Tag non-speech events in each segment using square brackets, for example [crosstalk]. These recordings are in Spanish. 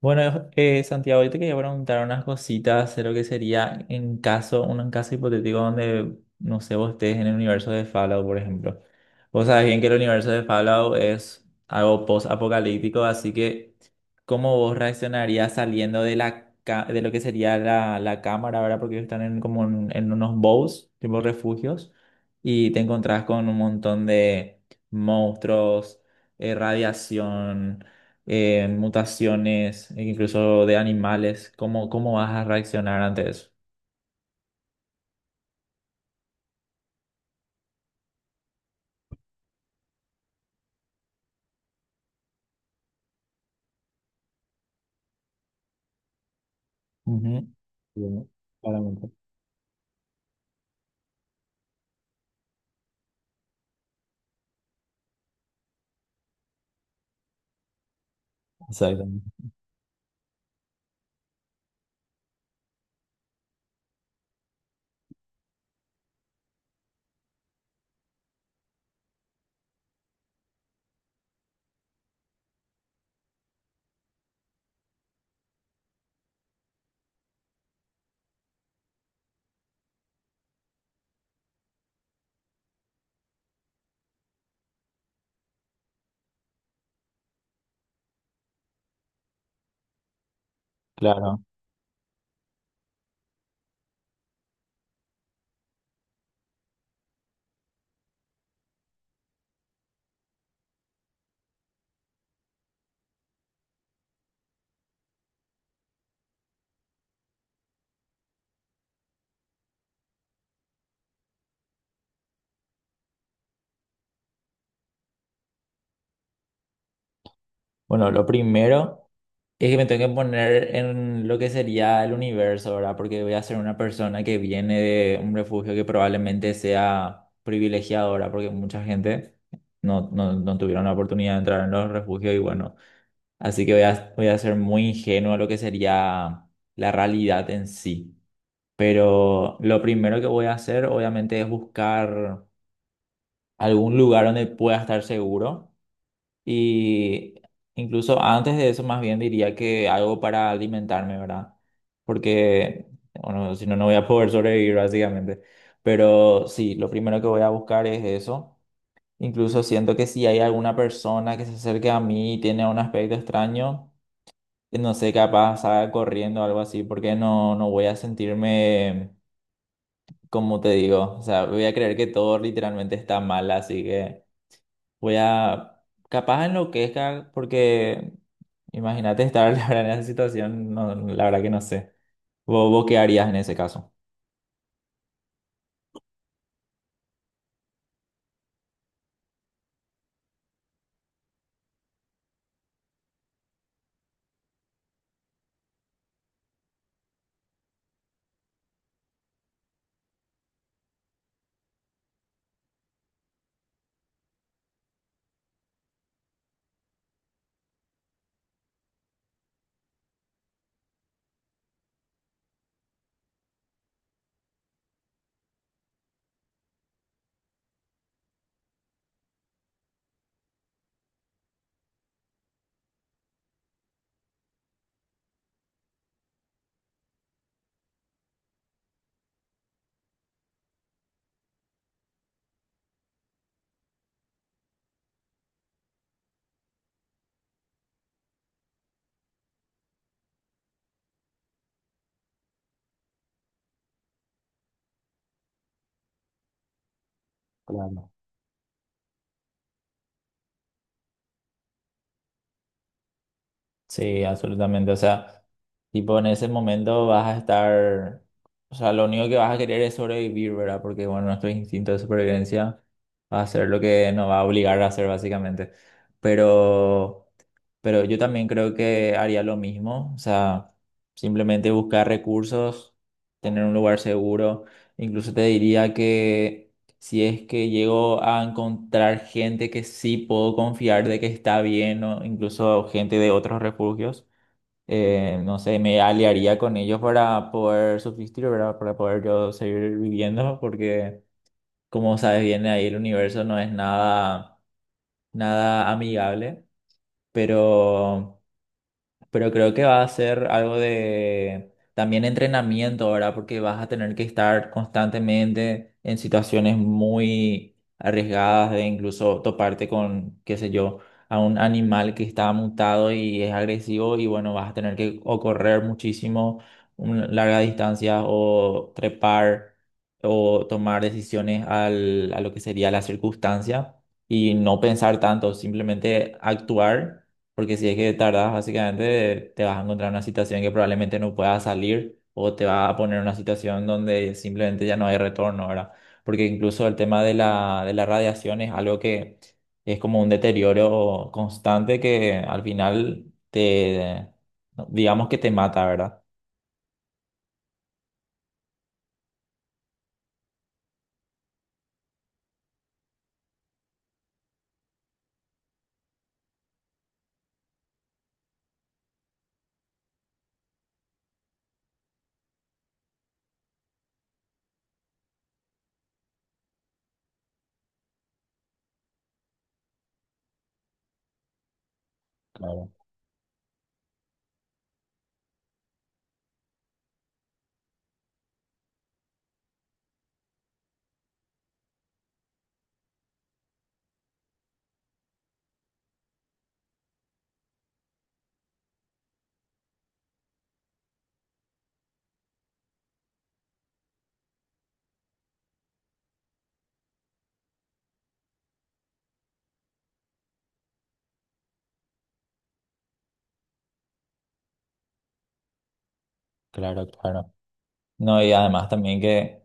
Bueno, Santiago, yo te quería preguntar unas cositas de lo que sería en caso, un caso hipotético donde, no sé, vos estés en el universo de Fallout, por ejemplo. Vos sabés bien que el universo de Fallout es algo post-apocalíptico, así que ¿cómo vos reaccionarías saliendo de de lo que sería la cámara, ¿verdad? Porque ellos están como en unos bows, tipo refugios, y te encontrás con un montón de monstruos, radiación, mutaciones, e incluso de animales. ¿Cómo, cómo vas a reaccionar ante eso? Ujú. Bien, claramente. Exactamente. Claro. Bueno, lo primero es que me tengo que poner en lo que sería el universo, ¿verdad? Porque voy a ser una persona que viene de un refugio que probablemente sea privilegiadora, porque mucha gente no tuvieron la oportunidad de entrar en los refugios y bueno, así que voy a ser muy ingenuo a lo que sería la realidad en sí. Pero lo primero que voy a hacer, obviamente, es buscar algún lugar donde pueda estar seguro. Y incluso antes de eso, más bien diría que algo para alimentarme, ¿verdad? Porque, bueno, si no, no voy a poder sobrevivir, básicamente. Pero sí, lo primero que voy a buscar es eso. Incluso siento que si hay alguna persona que se acerque a mí y tiene un aspecto extraño, no sé, capaz salga corriendo o algo así, porque no voy a sentirme como te digo, o sea, voy a creer que todo literalmente está mal, así que voy a, capaz enloquezca, porque imagínate estar [laughs] ahora en esa situación, no, la verdad que no sé. Vos qué harías en ese caso? Claro. Sí, absolutamente, o sea, tipo en ese momento vas a estar, o sea, lo único que vas a querer es sobrevivir, ¿verdad? Porque bueno, nuestro instinto de supervivencia va a ser lo que nos va a obligar a hacer básicamente, pero... Pero yo también creo que haría lo mismo, o sea, simplemente buscar recursos, tener un lugar seguro. Incluso te diría que si es que llego a encontrar gente que sí puedo confiar de que está bien, o incluso gente de otros refugios, no sé, me aliaría con ellos para poder subsistir, ¿verdad? Para poder yo seguir viviendo, porque como sabes bien, ahí el universo no es nada, nada amigable, pero... Pero creo que va a ser algo de también entrenamiento, ¿verdad? Porque vas a tener que estar constantemente en situaciones muy arriesgadas de incluso toparte con, qué sé yo, a un animal que está mutado y es agresivo y bueno, vas a tener que o correr muchísimo, larga distancia o trepar o tomar decisiones a lo que sería la circunstancia y no pensar tanto, simplemente actuar, porque si es que tardas, básicamente te vas a encontrar en una situación que probablemente no puedas salir o te va a poner en una situación donde simplemente ya no hay retorno, ¿verdad? Porque incluso el tema de de la radiación es algo que es como un deterioro constante que al final te, digamos que te mata, ¿verdad? Claro, claro, claro. No, y además también que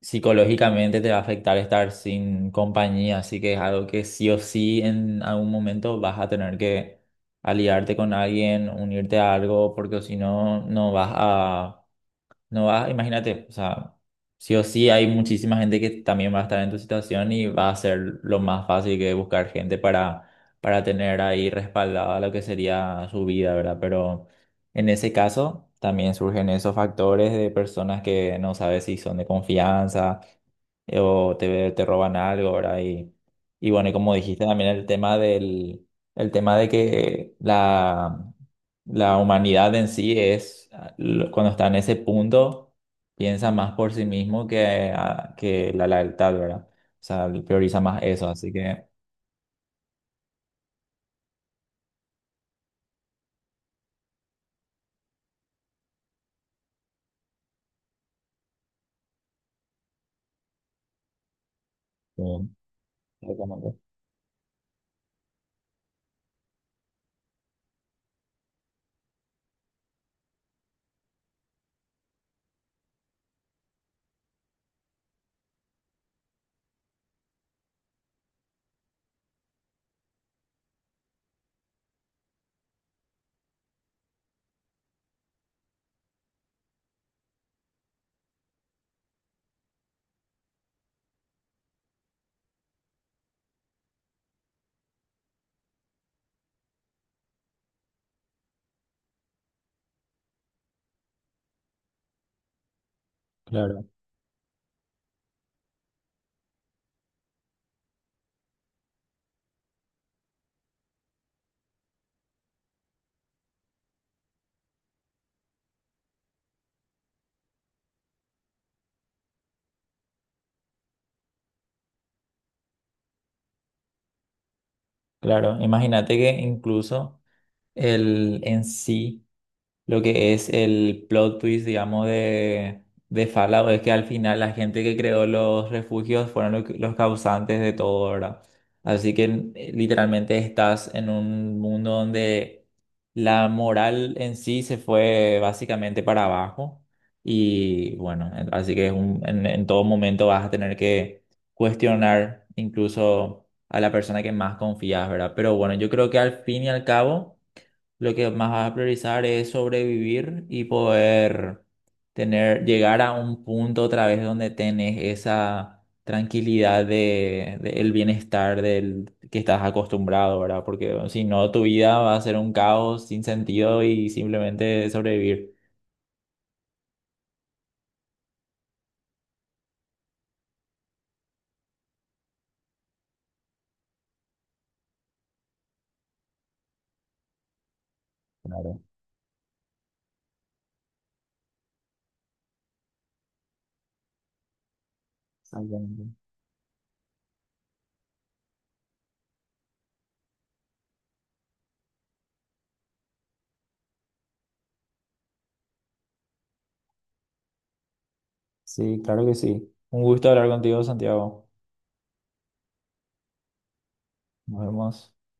psicológicamente te va a afectar estar sin compañía, así que es algo que sí o sí en algún momento vas a tener que aliarte con alguien, unirte a algo, porque o si no, no vas, imagínate, o sea, sí o sí hay muchísima gente que también va a estar en tu situación y va a ser lo más fácil que buscar gente para tener ahí respaldada lo que sería su vida, ¿verdad? Pero... En ese caso, también surgen esos factores de personas que no sabes si son de confianza, te roban algo, ¿verdad? Y bueno, y como dijiste también el tema el tema de que la humanidad en sí es, ah, cuando está en ese punto, piensa más por sí mismo que, ah, que la lealtad, ¿verdad? O sea, prioriza más eso, así que... eh, recomiendo. Claro, claro. Imagínate que incluso el en sí. Lo que es el plot twist, digamos, de Fallout es que al final la gente que creó los refugios fueron los causantes de todo, ¿verdad? Así que literalmente estás en un mundo donde la moral en sí se fue básicamente para abajo y bueno, así que en todo momento vas a tener que cuestionar incluso a la persona que más confías, ¿verdad? Pero bueno, yo creo que al fin y al cabo... Lo que más vas a priorizar es sobrevivir y poder tener, llegar a un punto otra vez donde tenés esa tranquilidad de el bienestar del que estás acostumbrado, ¿verdad? Porque bueno, si no, tu vida va a ser un caos sin sentido y simplemente sobrevivir. Claro, exactamente. Sí, claro que sí. Un gusto hablar contigo, Santiago. Nos vemos.